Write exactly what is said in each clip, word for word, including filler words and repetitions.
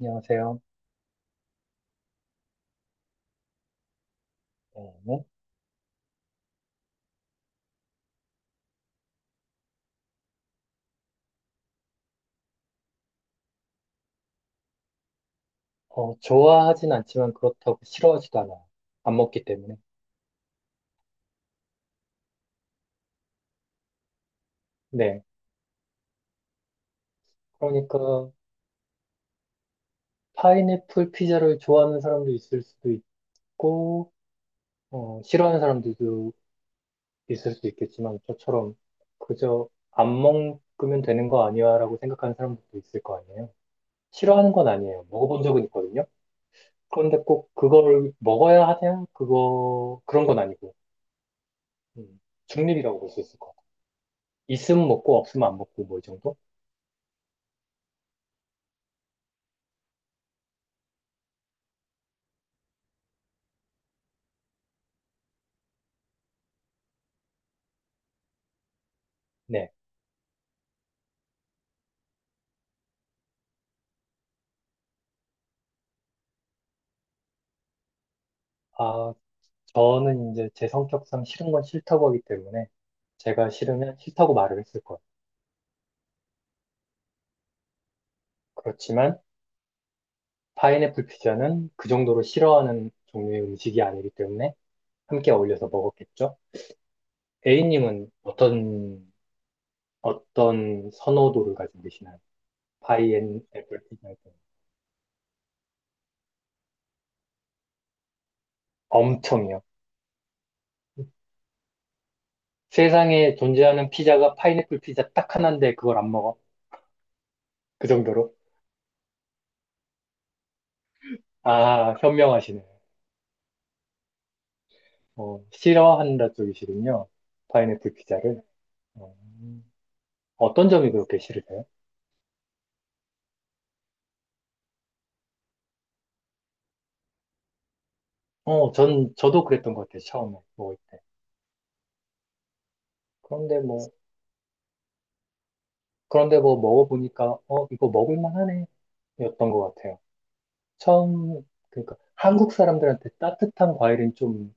안녕하세요. 어, 네. 어, 좋아하진 않지만 그렇다고 싫어하지도 않아요. 안 먹기 때문에. 네. 그러니까 파인애플 피자를 좋아하는 사람도 있을 수도 있고, 어, 싫어하는 사람들도 있을 수 있겠지만 저처럼 그저 안 먹으면 되는 거 아니야라고 생각하는 사람들도 있을 거 아니에요. 싫어하는 건 아니에요. 먹어본 적은 있거든요. 그런데 꼭 그거를 먹어야 하냐? 그거 그런 건 아니고 음, 중립이라고 볼 수 있을 것 같아요. 있으면 먹고 없으면 안 먹고 뭐 이 정도? 네. 아, 저는 이제 제 성격상 싫은 건 싫다고 하기 때문에 제가 싫으면 싫다고 말을 했을 거예요. 그렇지만 파인애플 피자는 그 정도로 싫어하는 종류의 음식이 아니기 때문에 함께 어울려서 먹었겠죠? A님은 어떤, 어떤 선호도를 가지고 계시나요? 파인애플 피자에 대해. 엄청이요. 세상에 존재하는 피자가 파인애플 피자 딱 하나인데 그걸 안 먹어? 그 정도로? 아, 현명하시네. 요 싫어한다 쪽이시군요. 파인애플 피자를. 어, 어떤 점이 그렇게 싫으세요? 어, 전, 저도 그랬던 것 같아요, 처음에 먹을 때. 그런데 뭐, 그런데 뭐 먹어보니까, 어, 이거 먹을만 하네, 였던 것 같아요. 처음, 그러니까 한국 사람들한테 따뜻한 과일은 좀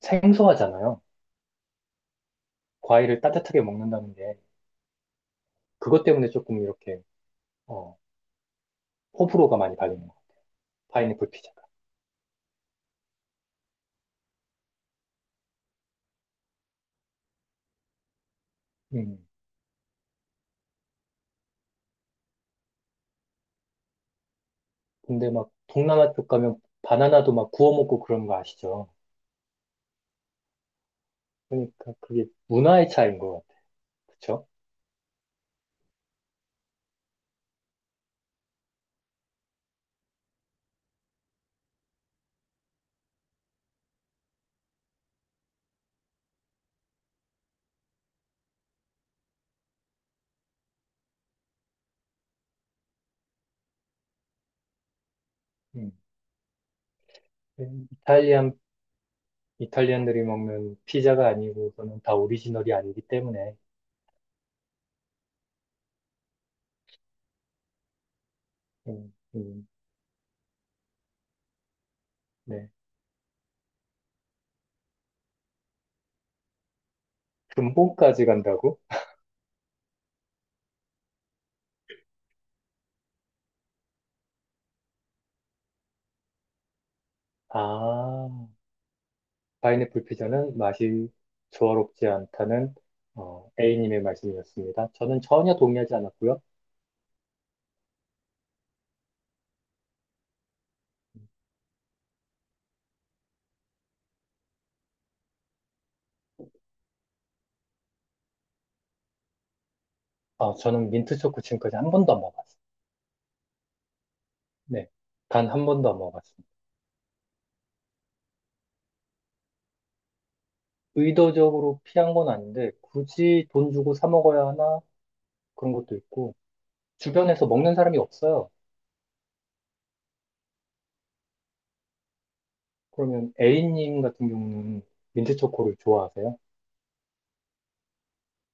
생소하잖아요. 과일을 따뜻하게 먹는다는 게, 그것 때문에 조금 이렇게, 어, 호불호가 많이 갈리는 거 같아요. 파인애플 피자가. 음. 근데 막, 동남아 쪽 가면 바나나도 막 구워 먹고 그런 거 아시죠? 그러니까 그게 문화의 차이인 것 같아요. 그쵸? 음. 이탈리안, 이탈리안들이 먹는 피자가 아니고, 그거는 다 오리지널이 아니기 때문에, 음, 음, 네. 근본까지 간다고? 아, 파인애플 피자는 맛이 조화롭지 않다는, 어, A님의 말씀이었습니다. 저는 전혀 동의하지 않았고요. 어, 저는 민트 초코 지금까지 한 번도 안 먹어봤어요. 네. 단 한 번도 안 먹어봤습니다. 의도적으로 피한 건 아닌데, 굳이 돈 주고 사 먹어야 하나? 그런 것도 있고, 주변에서 먹는 사람이 없어요. 그러면 A님 같은 경우는 민트 초코를 좋아하세요?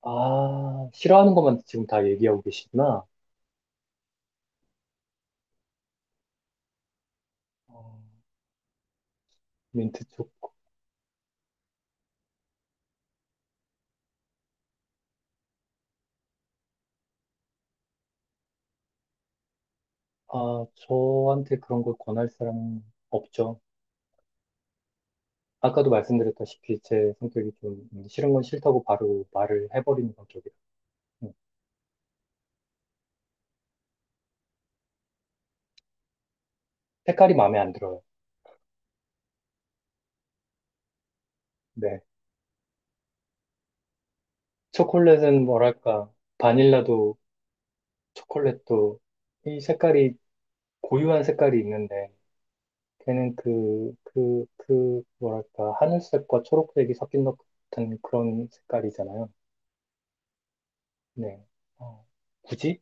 아, 싫어하는 것만 지금 다 얘기하고 계시구나. 어, 민트 초코. 아, 저한테 그런 걸 권할 사람은 없죠. 아까도 말씀드렸다시피 제 성격이 좀 음, 싫은 건 싫다고 바로 말을 해버리는 성격이에요. 음, 색깔이 마음에 안 들어요. 네. 초콜릿은 뭐랄까, 바닐라도 초콜릿도 이 색깔이 고유한 색깔이 있는데 걔는 그, 그, 그, 뭐랄까, 하늘색과 초록색이 섞인 것 같은 그런 색깔이잖아요. 네. 어, 굳이?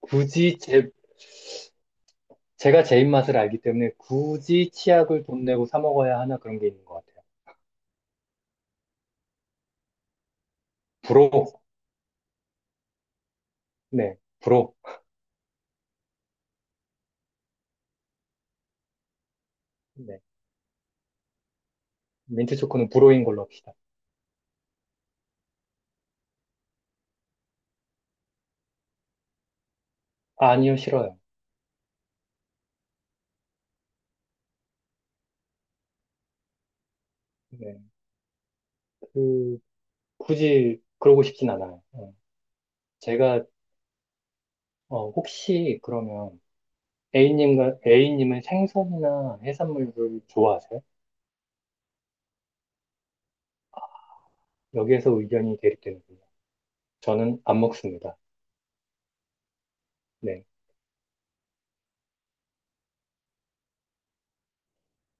굳이 제, 제가 제 입맛을 알기 때문에 굳이 치약을 돈 내고 사 먹어야 하나 그런 게 있는 것 같아요. 불호. 네. 불호. 네. 민트 초코는 불호인 걸로 합시다. 아니요, 싫어요. 네. 그, 굳이 그러고 싶진 않아요. 어, 제가, 어, 혹시 그러면 A님과, A님은 생선이나 해산물을 좋아하세요? 여기에서 의견이 대립되는군요. 저는 안 먹습니다. 네.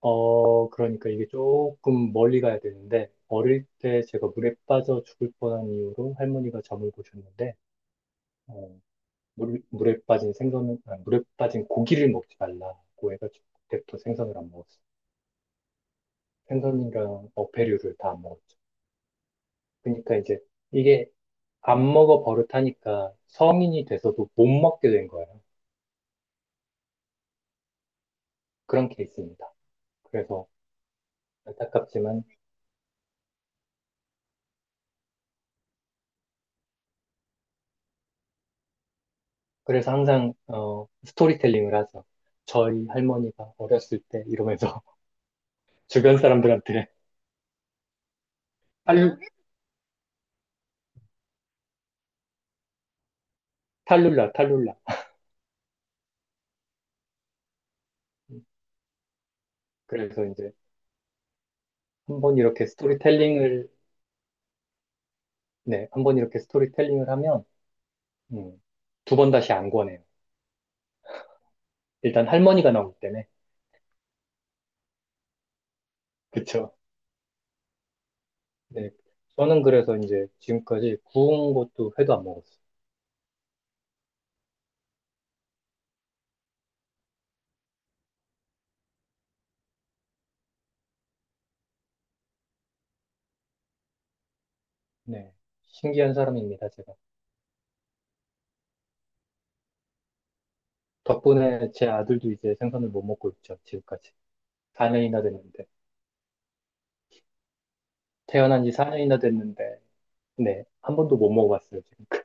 어, 그러니까 이게 조금 멀리 가야 되는데, 어릴 때 제가 물에 빠져 죽을 뻔한 이유로 할머니가 점을 보셨는데, 어, 물, 물에 빠진 생선은, 아, 물에 빠진 고기를 먹지 말라고 해가지고, 그때부터 생선을 안 먹었어요. 생선이랑 어패류를 다 안 먹었죠. 그러니까 이제 이게 안 먹어 버릇하니까 성인이 돼서도 못 먹게 된 거예요. 그런 케이스입니다. 그래서 안타깝지만 그래서 항상 어, 스토리텔링을 하죠. 저희 할머니가 어렸을 때 이러면서 주변 사람들한테 탈, 탈룰라, 탈룰라. 그래서 이제 한 번 이렇게 스토리텔링을, 네, 한번 이렇게 스토리텔링을 하면, 음, 두번 다시 안 권해요. 일단 할머니가 나오기 때문에. 그쵸. 네. 저는 그래서 이제 지금까지 구운 것도 회도 안 먹었어요. 네. 신기한 사람입니다, 제가. 덕분에 제 아들도 이제 생선을 못 먹고 있죠, 지금까지. 사 년이나 됐는데. 태어난 지 사 년이나 됐는데, 네, 한 번도 못 먹어봤어요, 지금. 그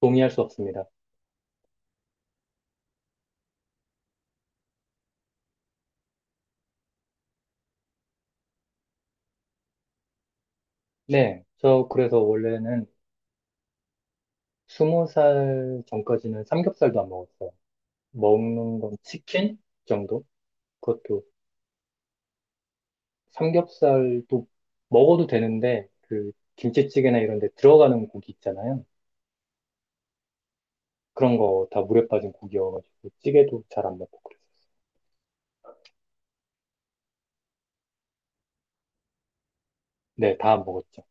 동의할 수 없습니다. 네, 저 그래서 원래는 스무 살 전까지는 삼겹살도 안 먹었어요. 먹는 건 치킨 정도? 그것도 삼겹살도 먹어도 되는데, 그 김치찌개나 이런 데 들어가는 고기 있잖아요. 그런 거 다 물에 빠진 고기여가지고, 찌개도 잘 안 먹고 그랬어요. 네, 다 안 먹었죠.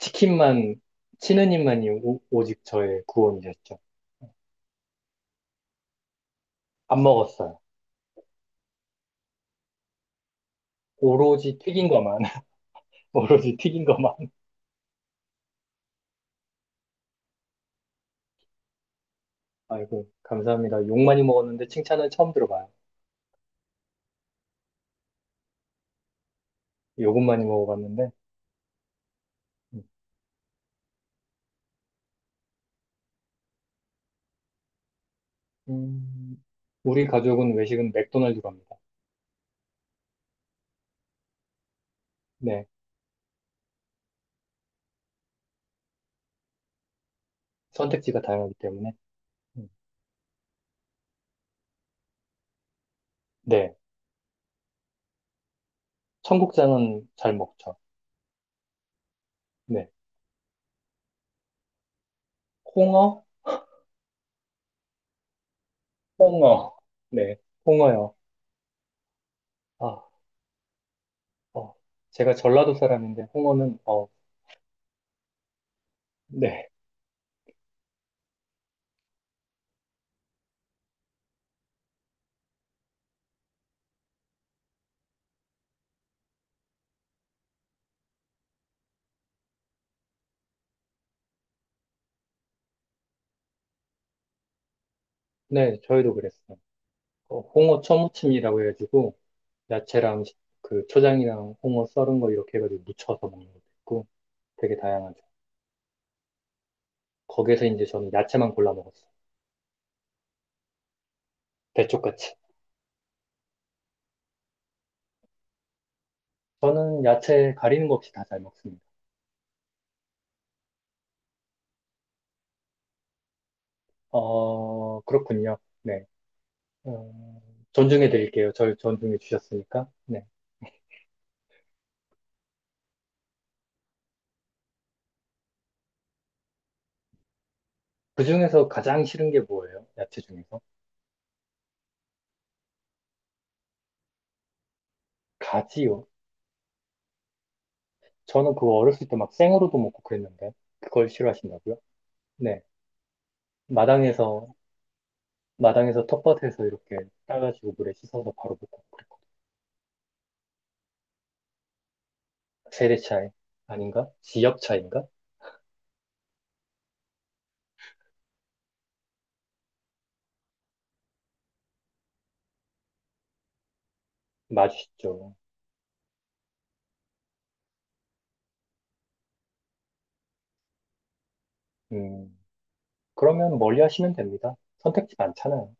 치킨만, 치느님만이 오, 오직 저의 구원이셨죠. 안 먹었어요. 오로지 튀긴 것만. 오로지 튀긴 것만. 아이고, 감사합니다. 욕 많이 먹었는데 칭찬은 처음 들어봐요. 욕은 많이 먹어봤는데. 음, 우리 가족은 외식은 맥도날드 갑니다. 네. 선택지가 다양하기 때문에. 음, 네. 청국장은 잘 먹죠. 네. 홍어? 홍어. 네. 홍어요. 아, 어. 제가 전라도 사람인데, 홍어는, 어, 네. 네, 저희도 그랬어요. 어, 홍어 초무침이라고 해가지고, 야채랑 시- 그 초장이랑 홍어 썰은 거 이렇게 해가지고 무쳐서 먹는 것도 있고, 되게 다양하죠. 거기에서 이제 저는 야채만 골라 먹었어요. 대쪽같이. 저는 야채 가리는 거 없이 다 잘 먹습니다. 어, 그렇군요. 네. 어, 존중해 드릴게요. 절 존중해 주셨으니까. 네. 그 중에서 가장 싫은 게 뭐예요? 야채 중에서? 가지요. 저는 그거 어렸을 때 막 생으로도 먹고 그랬는데, 그걸 싫어하신다고요? 네. 마당에서, 마당에서 텃밭에서 이렇게 따가지고 물에 씻어서 바로 먹고 그랬고. 세대 차이 아닌가? 지역 차이인가? 맞으시죠. 음. 그러면 멀리 하시면 됩니다. 선택지 많잖아요.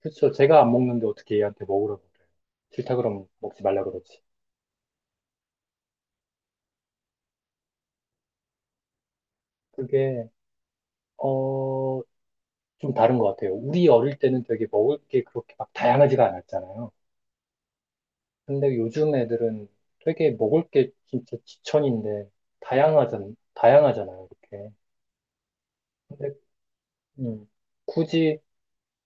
그렇죠. 제가 안 먹는데 어떻게 얘한테 먹으라고 그래. 싫다 그러면 먹지 말라 그러지. 그게, 어, 좀 다른 것 같아요. 우리 어릴 때는 되게 먹을 게 그렇게 막 다양하지가 않았잖아요. 근데 요즘 애들은 되게 먹을 게 진짜 지천인데 다양하잖, 다양하잖아요. 이렇게. 근데, 음, 굳이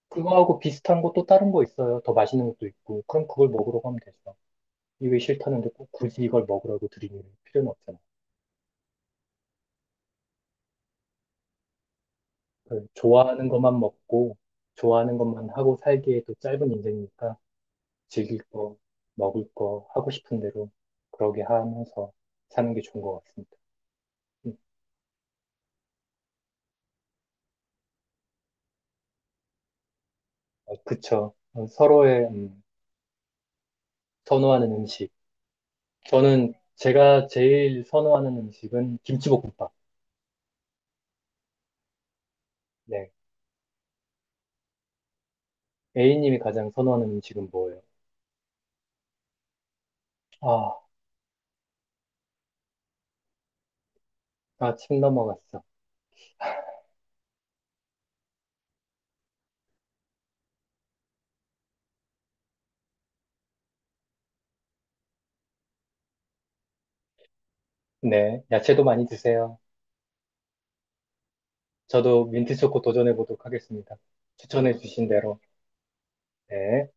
그거하고 비슷한 거 또 다른 거 있어요. 더 맛있는 것도 있고. 그럼 그걸 먹으라고 하면 되죠. 이게 싫다는데 꼭 굳이 이걸 먹으라고 드리는 필요는 없잖아요. 그 좋아하는 것만 먹고 좋아하는 것만 하고 살기에도 짧은 인생이니까 즐길 거, 먹을 거, 하고 싶은 대로 그러게 하면서 사는 게 좋은 것 같습니다. 음, 어, 그쵸. 어, 서로의 음, 선호하는 음식. 저는 제가 제일 선호하는 음식은 김치볶음밥. 네. A님이 가장 선호하는 음식은 뭐예요? 아, 아, 침 넘어갔어. 네. 야채도 많이 드세요. 저도 민트초코 도전해보도록 하겠습니다. 추천해주신 대로. 네.